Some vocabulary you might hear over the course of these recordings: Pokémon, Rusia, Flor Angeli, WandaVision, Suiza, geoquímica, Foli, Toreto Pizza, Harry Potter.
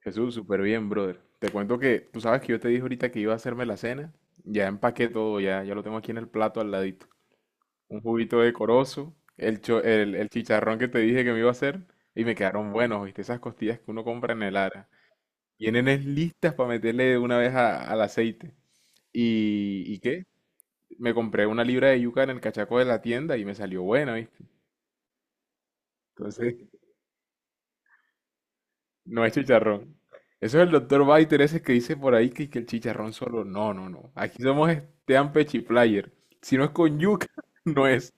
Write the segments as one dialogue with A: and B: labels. A: Jesús, súper bien, brother. Te cuento que tú sabes que yo te dije ahorita que iba a hacerme la cena. Ya empaqué todo, ya lo tengo aquí en el plato al ladito. Un juguito de corozo, el chicharrón que te dije que me iba a hacer y me quedaron buenos, ¿viste? Esas costillas que uno compra en el Ara. Vienen es listas para meterle de una vez al aceite. ¿Y qué? Me compré una libra de yuca en el cachaco de la tienda y me salió buena, ¿viste? Entonces, no es chicharrón. Eso es el doctor Biter ese que dice por ahí que el chicharrón solo. No, no, no. Aquí somos Estean Pechiplayer. Si no es con yuca, no es.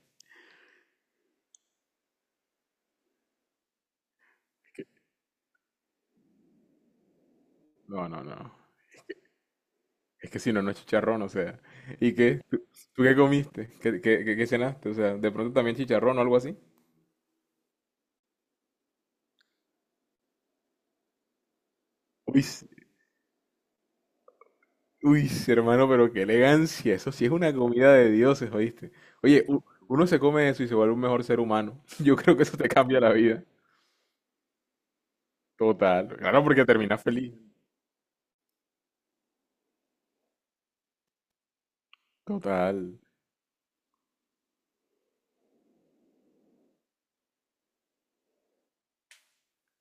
A: No, no, no. Es que si no, no es chicharrón, o sea. ¿Y qué? ¿Tú qué comiste? Qué cenaste? O sea, de pronto también chicharrón o algo así. Uy, s- hermano, pero qué elegancia. Eso sí es una comida de dioses, ¿oíste? Oye, u- uno se come eso y se vuelve un mejor ser humano. Yo creo que eso te cambia la vida. Total. Claro, porque terminas feliz. Total.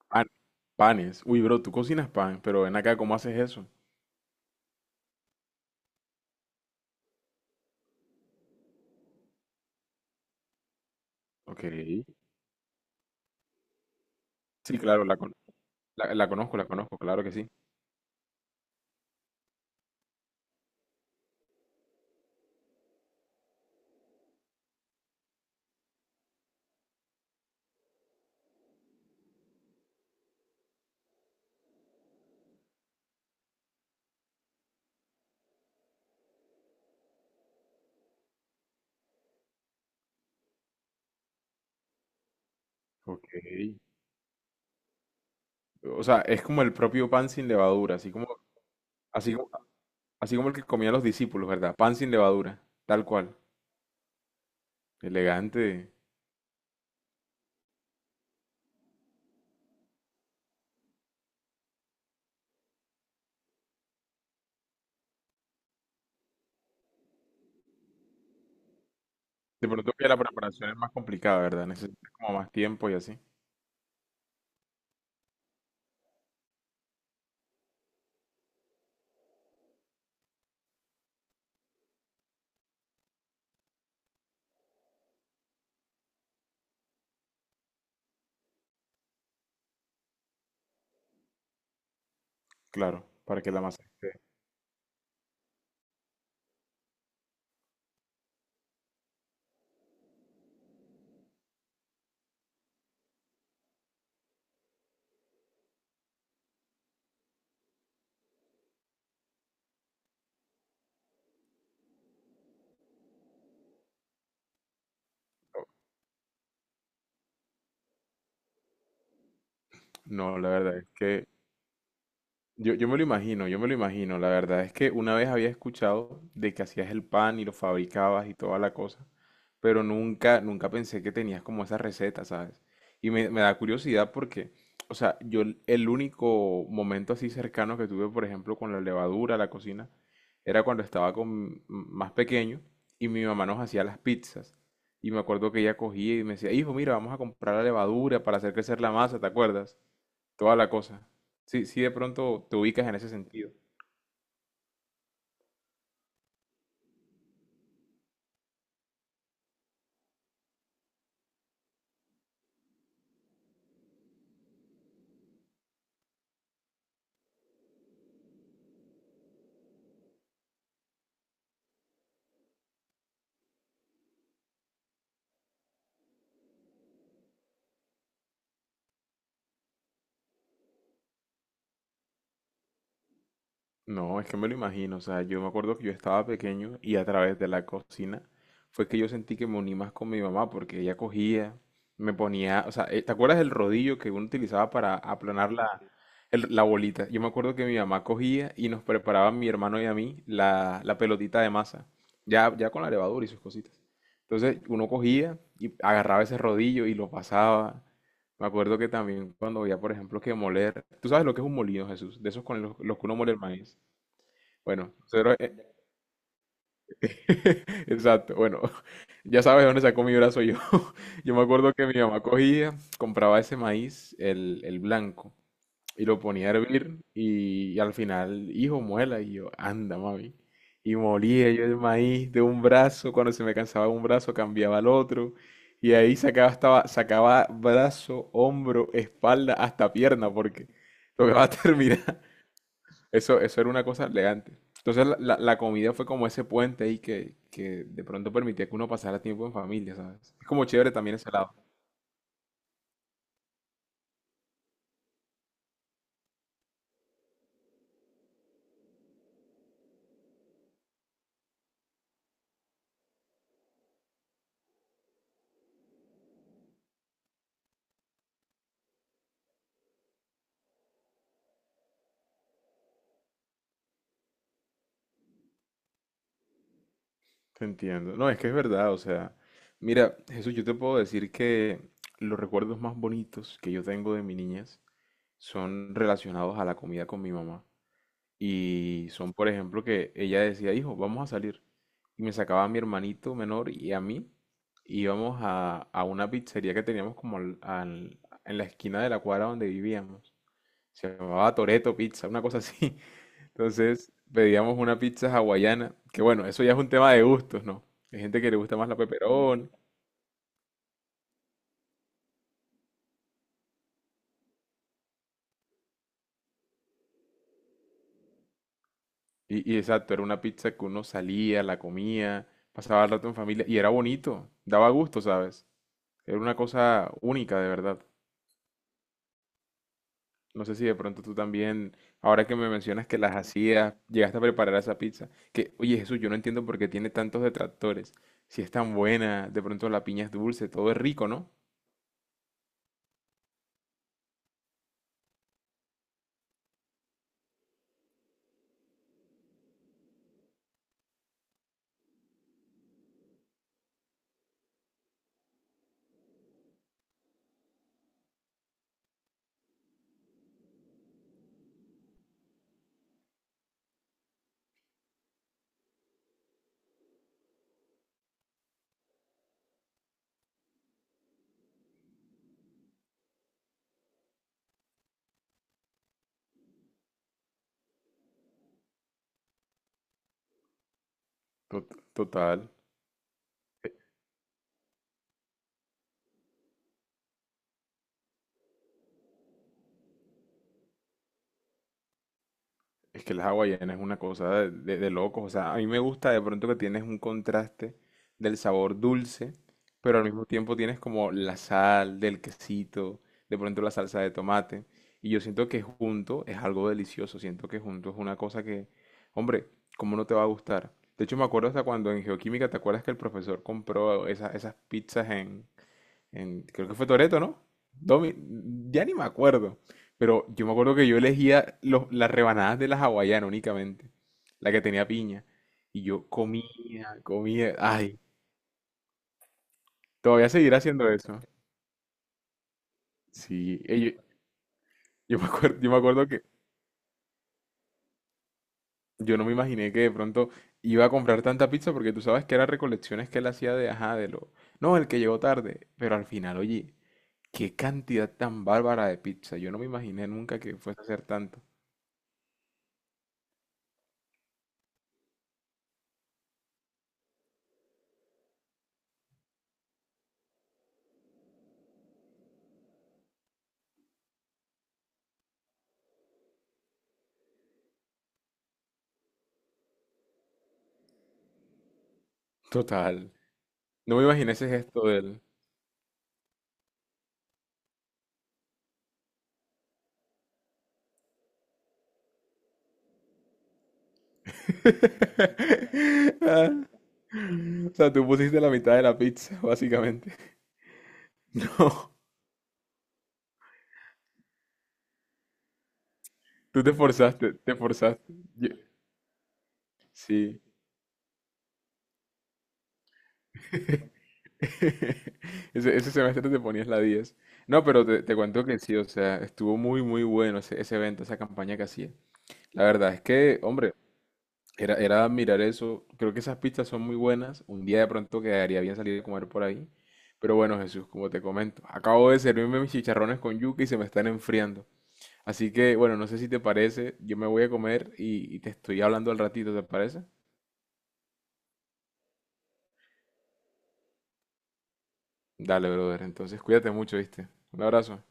A: Pan- panes. Uy, bro, tú cocinas pan, pero ven acá, ¿cómo haces eso? Ok. Sí, claro, la conozco, claro que sí. Ok. O sea, es como el propio pan sin levadura, así como, así como, así como el que comían los discípulos, ¿verdad? Pan sin levadura, tal cual. Elegante. De pronto que la preparación es más complicada, ¿verdad? Necesitas como más tiempo y así. Claro, para que la masa esté. No, la verdad es que yo me lo imagino, yo me lo imagino. La verdad es que una vez había escuchado de que hacías el pan y lo fabricabas y toda la cosa, pero nunca, nunca pensé que tenías como esa receta, ¿sabes? Y me da curiosidad porque, o sea, yo el único momento así cercano que tuve, por ejemplo, con la levadura, la cocina, era cuando estaba con, más pequeño y mi mamá nos hacía las pizzas. Y me acuerdo que ella cogía y me decía, hijo, mira, vamos a comprar la levadura para hacer crecer la masa, ¿te acuerdas? Toda la cosa. Sí, sí, de pronto te ubicas en ese sentido. No, es que me lo imagino, o sea, yo me acuerdo que yo estaba pequeño y a través de la cocina fue que yo sentí que me uní más con mi mamá porque ella cogía, me ponía, o sea, ¿te acuerdas del rodillo que uno utilizaba para aplanar la, la bolita? Yo me acuerdo que mi mamá cogía y nos preparaba a mi hermano y a mí la pelotita de masa, ya con la levadura y sus cositas. Entonces uno cogía y agarraba ese rodillo y lo pasaba. Me acuerdo que también cuando veía, por ejemplo, que moler, tú sabes lo que es un molino, Jesús, de esos con los que uno mole el maíz. Bueno, cero- eh, exacto. Bueno, ya sabes de dónde sacó mi brazo yo. Yo me acuerdo que mi mamá cogía, compraba ese maíz, el blanco, y lo ponía a hervir y, al final, hijo, muela. Y yo, anda, mami. Y molía yo el maíz de un brazo, cuando se me cansaba un brazo cambiaba al otro. Y ahí sacaba, estaba, sacaba brazo, hombro, espalda, hasta pierna, porque tocaba terminar. Eso era una cosa elegante. Entonces la comida fue como ese puente ahí que de pronto permitía que uno pasara tiempo en familia, ¿sabes? Es como chévere también ese lado. Te entiendo. No, es que es verdad, o sea, mira, Jesús, yo te puedo decir que los recuerdos más bonitos que yo tengo de mi niñez son relacionados a la comida con mi mamá. Y son, por ejemplo, que ella decía, hijo, vamos a salir. Y me sacaba a mi hermanito menor y a mí. Y íbamos a una pizzería que teníamos como en la esquina de la cuadra donde vivíamos. Se llamaba Toreto Pizza, una cosa así. Entonces pedíamos una pizza hawaiana, que bueno, eso ya es un tema de gustos, ¿no? Hay gente que le gusta más la peperón. Y exacto, era una pizza que uno salía, la comía, pasaba el rato en familia y era bonito, daba gusto, ¿sabes? Era una cosa única, de verdad. No sé si de pronto tú también, ahora que me mencionas que las hacías, llegaste a preparar esa pizza. Que, oye, Jesús, yo no entiendo por qué tiene tantos detractores. Si es tan buena, de pronto la piña es dulce, todo es rico, ¿no? Total. Es que el hawaiana es una cosa de, de locos. O sea, a mí me gusta de pronto que tienes un contraste del sabor dulce, pero al mismo tiempo tienes como la sal del quesito, de pronto la salsa de tomate. Y yo siento que junto es algo delicioso. Siento que junto es una cosa que, hombre, ¿cómo no te va a gustar? De hecho, me acuerdo hasta cuando en geoquímica, ¿te acuerdas que el profesor compró esas pizzas en, creo que fue Toreto, ¿no? Domi, ya ni me acuerdo. Pero yo me acuerdo que yo elegía las rebanadas de la hawaiana únicamente, la que tenía piña. Y yo comía, comía. Ay, todavía seguirá haciendo eso. Sí, yo me acuerdo que yo no me imaginé que de pronto iba a comprar tanta pizza porque tú sabes que eran recolecciones que él hacía de, ajá, de lo... No, el que llegó tarde. Pero al final, oye, qué cantidad tan bárbara de pizza. Yo no me imaginé nunca que fuese a hacer tanto. Total. No me imaginé ese gesto de él. Ah, o sea, tú pusiste la mitad de la pizza, básicamente. No, tú te forzaste, te forzaste. Yo- sí. Ese semestre te ponías la 10. No, pero te cuento que sí, o sea, estuvo muy, muy bueno ese evento, esa campaña que hacía. La verdad es que, hombre, era, era mirar eso. Creo que esas pistas son muy buenas. Un día de pronto quedaría bien salir a comer por ahí. Pero bueno, Jesús, como te comento, acabo de servirme mis chicharrones con yuca y se me están enfriando. Así que, bueno, no sé si te parece. Yo me voy a comer y te estoy hablando al ratito, ¿te parece? Dale, brother. Entonces, cuídate mucho, ¿viste? Un abrazo.